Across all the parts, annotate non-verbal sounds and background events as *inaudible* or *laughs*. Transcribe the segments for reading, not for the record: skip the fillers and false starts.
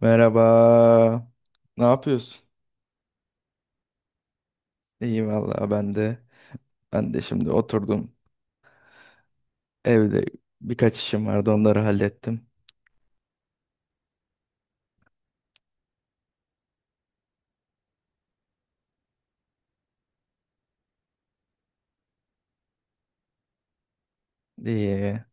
Merhaba. Ne yapıyorsun? İyi vallahi, ben de. Ben de şimdi oturdum. Evde birkaç işim vardı, onları hallettim. İyi.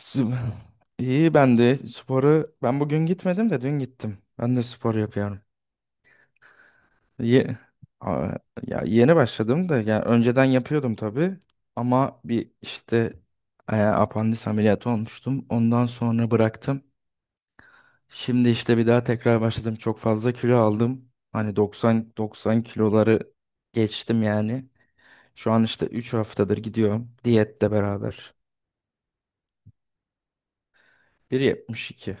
Sp- *laughs* İyi, ben de sporu ben bugün gitmedim de dün gittim. Ben de spor yapıyorum. Ye Aa, ya yeni başladım da, yani önceden yapıyordum tabii, ama bir işte, apandis ameliyatı olmuştum. Ondan sonra bıraktım. Şimdi işte bir daha tekrar başladım. Çok fazla kilo aldım. Hani 90 90 kiloları geçtim yani. Şu an işte 3 haftadır gidiyorum, diyetle beraber. 1,72.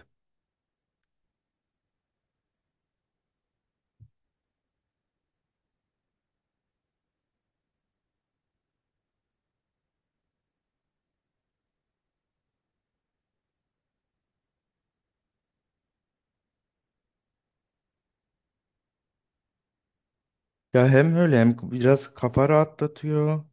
Ya, hem öyle hem biraz kafa rahatlatıyor.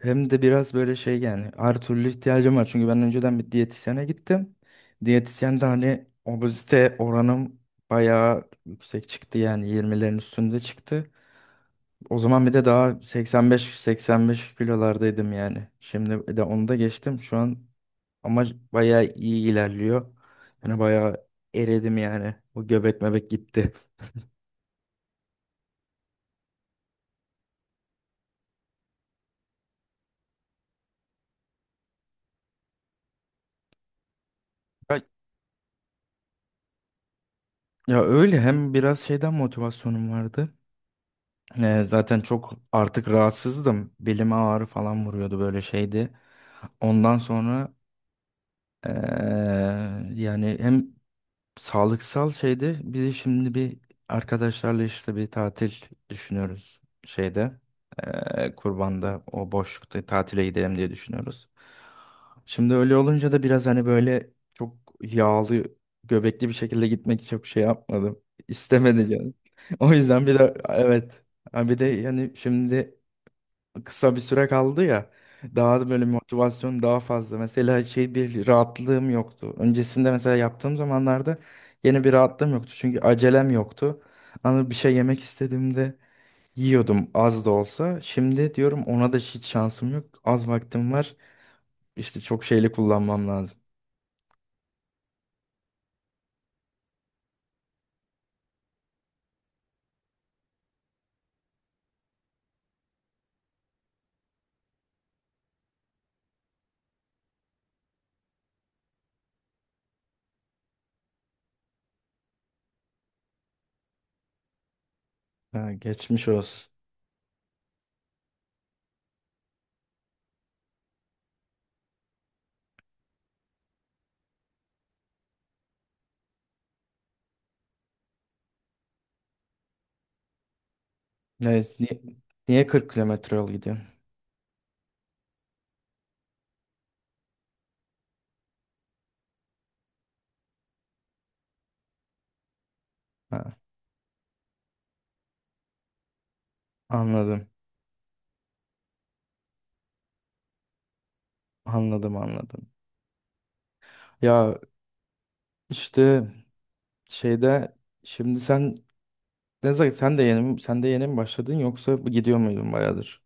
Hem de biraz böyle şey, yani her türlü ihtiyacım var. Çünkü ben önceden bir diyetisyene gittim. Diyetisyen de hani obezite oranım bayağı yüksek çıktı, yani 20'lerin üstünde çıktı. O zaman bir de daha 85-85 kilolardaydım yani. Şimdi de onu da geçtim. Şu an ama bayağı iyi ilerliyor. Yani bayağı eridim yani. O göbek mebek gitti. Ya, ya öyle, hem biraz şeyden motivasyonum vardı. Zaten çok artık rahatsızdım. Belime ağrı falan vuruyordu, böyle şeydi. Ondan sonra, ee, yani hem sağlıksal şeyde, bir de şimdi bir arkadaşlarla işte bir tatil düşünüyoruz şeyde. Kurban'da o boşlukta tatile gidelim diye düşünüyoruz. Şimdi öyle olunca da biraz hani böyle çok yağlı göbekli bir şekilde gitmek çok şey yapmadım. İstemedi canım. *laughs* O yüzden bir de evet. Ha, bir de yani şimdi kısa bir süre kaldı ya. Daha da böyle motivasyon daha fazla. Mesela şey, bir rahatlığım yoktu. Öncesinde mesela yaptığım zamanlarda yine bir rahatlığım yoktu. Çünkü acelem yoktu. Ama bir şey yemek istediğimde yiyordum, az da olsa. Şimdi diyorum, ona da hiç şansım yok. Az vaktim var. İşte çok şeyli kullanmam lazım. Ha, geçmiş olsun. Ne, niye 40 kilometre yol gidiyorsun? Ha, anladım. Anladım, anladım. Ya, işte şeyde, şimdi sen, Nezahat, sen de yeni, sen de yeni mi başladın, yoksa gidiyor muydun bayağıdır?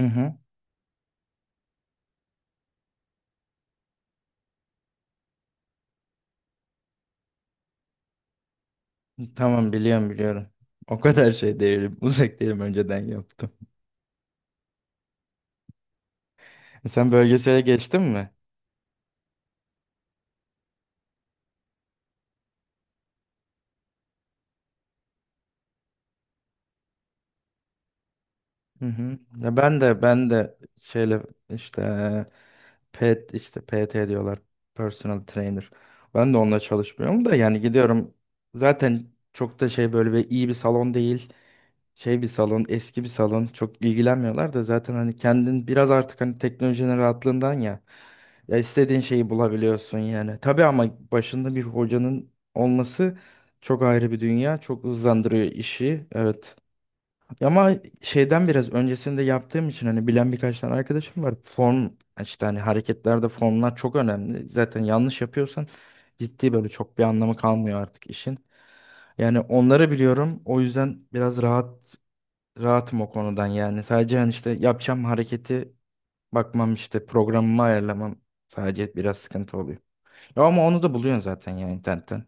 Hı hı. Tamam, biliyorum, biliyorum. O kadar şey değilim. *laughs* Uzak değilim, önceden yaptım. Sen bölgesele geçtin mi? Hı hı. Ya, ben de şeyle, işte pet işte PT diyorlar. Personal trainer. Ben de onunla çalışmıyorum da, yani gidiyorum. Zaten çok da şey, böyle bir iyi bir salon değil. Şey bir salon, eski bir salon. Çok ilgilenmiyorlar da zaten, hani kendin biraz artık, hani teknolojinin rahatlığından ya. Ya, istediğin şeyi bulabiliyorsun yani. Tabii, ama başında bir hocanın olması çok ayrı bir dünya. Çok hızlandırıyor işi. Evet. Ama şeyden biraz öncesinde yaptığım için hani bilen birkaç tane arkadaşım var. Form, işte hani hareketlerde formlar çok önemli. Zaten yanlış yapıyorsan ciddi böyle çok bir anlamı kalmıyor artık işin. Yani onları biliyorum. O yüzden biraz rahatım o konudan yani. Sadece hani işte yapacağım hareketi bakmam, işte programımı ayarlamam sadece biraz sıkıntı oluyor. Ya, ama onu da buluyorsun zaten ya, internetten.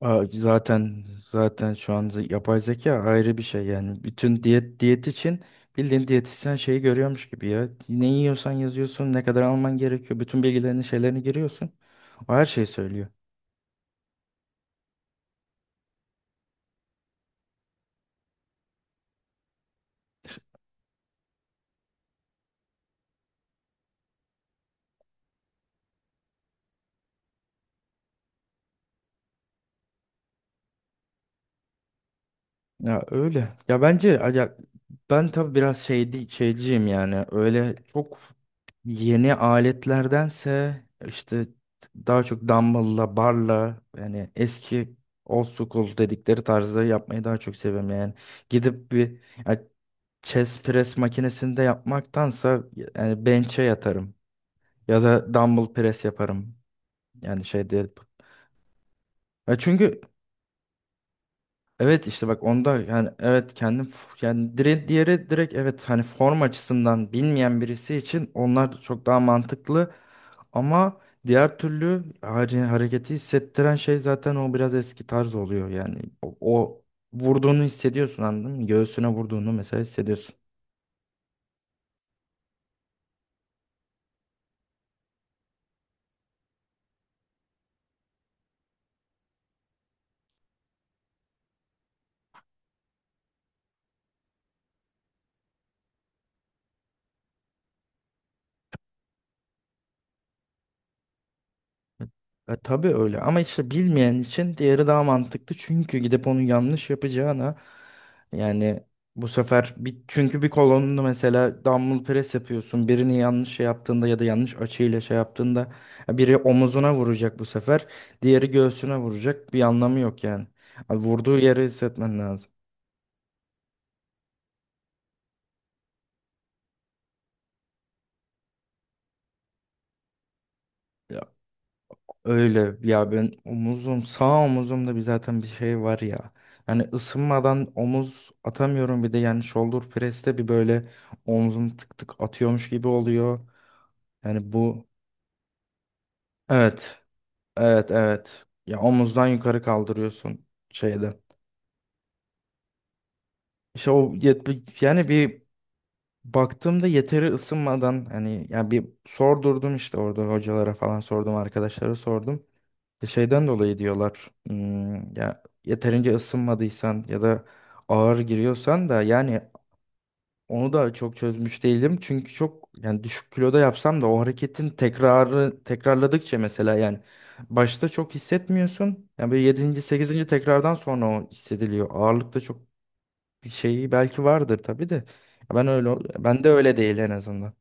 Zaten şu an, yapay zeka ayrı bir şey yani, bütün diyet için bildiğin diyetisyen şeyi görüyormuş gibi ya, ne yiyorsan yazıyorsun, ne kadar alman gerekiyor, bütün bilgilerini şeylerini giriyorsun, o her şeyi söylüyor. Ya öyle. Ya bence ya, ben tabii biraz şeydi, şeyciyim yani. Öyle çok yeni aletlerdense işte daha çok dumbbell'la, barla, yani eski, old school dedikleri tarzda yapmayı daha çok seviyorum yani. Gidip bir, ya, chest press makinesinde yapmaktansa yani bench'e yatarım ya da dumbbell press yaparım. Yani şey değil. Ya çünkü, evet, işte bak, onda yani, evet, kendim yani direkt, diğeri direkt, evet, hani form açısından bilmeyen birisi için onlar çok daha mantıklı, ama diğer türlü hareketi hissettiren şey zaten o biraz eski tarz oluyor yani, o vurduğunu hissediyorsun, anladın mı? Göğsüne vurduğunu mesela hissediyorsun. Tabii öyle, ama işte bilmeyen için diğeri daha mantıklı. Çünkü gidip onu yanlış yapacağına yani bu sefer bir, çünkü bir kolonunu mesela dumbbell press yapıyorsun. Birini yanlış şey yaptığında ya da yanlış açıyla şey yaptığında biri omuzuna vuracak bu sefer. Diğeri göğsüne vuracak. Bir anlamı yok yani. Abi, vurduğu yeri hissetmen lazım. Öyle ya, ben omuzum, sağ omuzumda bir, zaten bir şey var ya. Yani ısınmadan omuz atamıyorum, bir de yani shoulder press'te bir böyle omzum tık tık atıyormuş gibi oluyor. Yani bu, evet, evet, evet, ya omuzdan yukarı kaldırıyorsun şeyde. İşte o, yani bir baktığımda yeteri ısınmadan hani, yani bir sordurdum, işte orada hocalara falan sordum, arkadaşlara sordum. Şeyden dolayı diyorlar. Ya yeterince ısınmadıysan ya da ağır giriyorsan da yani, onu da çok çözmüş değilim. Çünkü çok yani düşük kiloda yapsam da o hareketin tekrarı, tekrarladıkça mesela yani başta çok hissetmiyorsun. Yani böyle 7. 8. tekrardan sonra o hissediliyor. Ağırlıkta çok bir şeyi belki vardır tabii de. Ya ben öyle, ben de öyle değil en azından.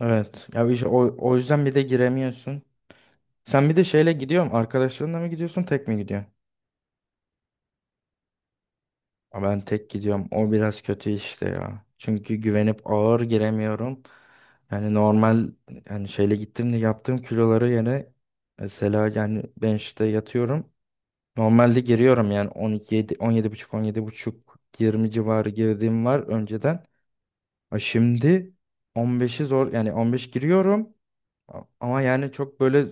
Evet. Ya bir şey, o yüzden bir de giremiyorsun. Sen bir de şeyle, gidiyorum. Arkadaşlarınla mı gidiyorsun, tek mi gidiyorsun? Ama ben tek gidiyorum. O biraz kötü işte ya. Çünkü güvenip ağır giremiyorum. Yani normal, yani şeyle gittim de, yaptığım kiloları yine mesela yani ben işte yatıyorum. Normalde giriyorum yani 17 17,5 17,5 20 civarı girdiğim var önceden. Ha şimdi 15'i zor yani 15 giriyorum, ama yani çok böyle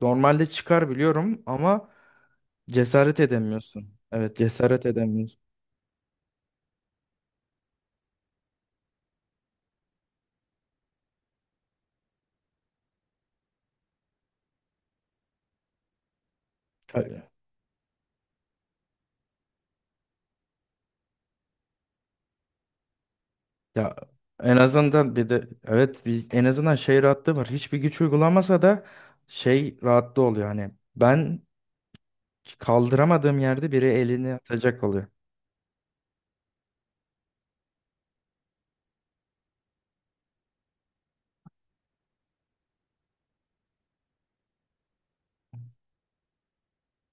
normalde çıkar biliyorum ama, cesaret edemiyorsun. Evet, cesaret edemiyorsun. Ya, en azından bir de, evet, bir en azından şey rahatlığı var. Hiçbir güç uygulamasa da şey rahatlığı oluyor, hani ben kaldıramadığım yerde biri elini atacak oluyor.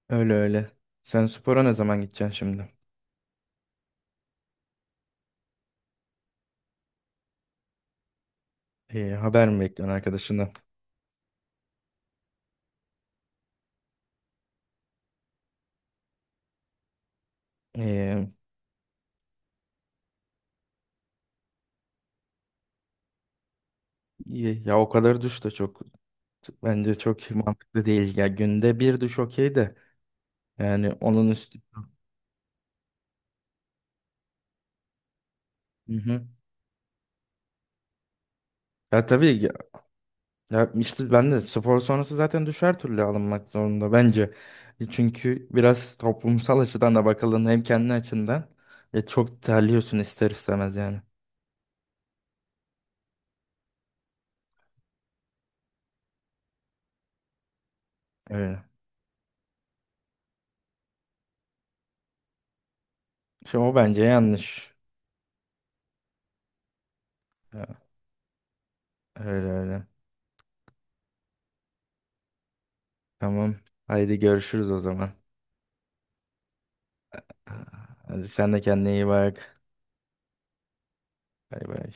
Öyle öyle. Sen spora ne zaman gideceksin şimdi? Haber mi bekliyorsun arkadaşından? Ee, ya o kadar duş da çok bence çok mantıklı değil. Ya günde bir duş okey de, yani onun üstü. Hı hı. Ya tabii, ya işte ben de spor sonrası zaten düşer türlü alınmak zorunda bence. Çünkü biraz toplumsal açıdan da bakıldığında hem kendi açından çok terliyorsun ister istemez yani. Öyle. Şey, o bence yanlış. Ya, öyle öyle. Tamam. Haydi görüşürüz o zaman. Hadi sen de kendine iyi bak. Bay bay.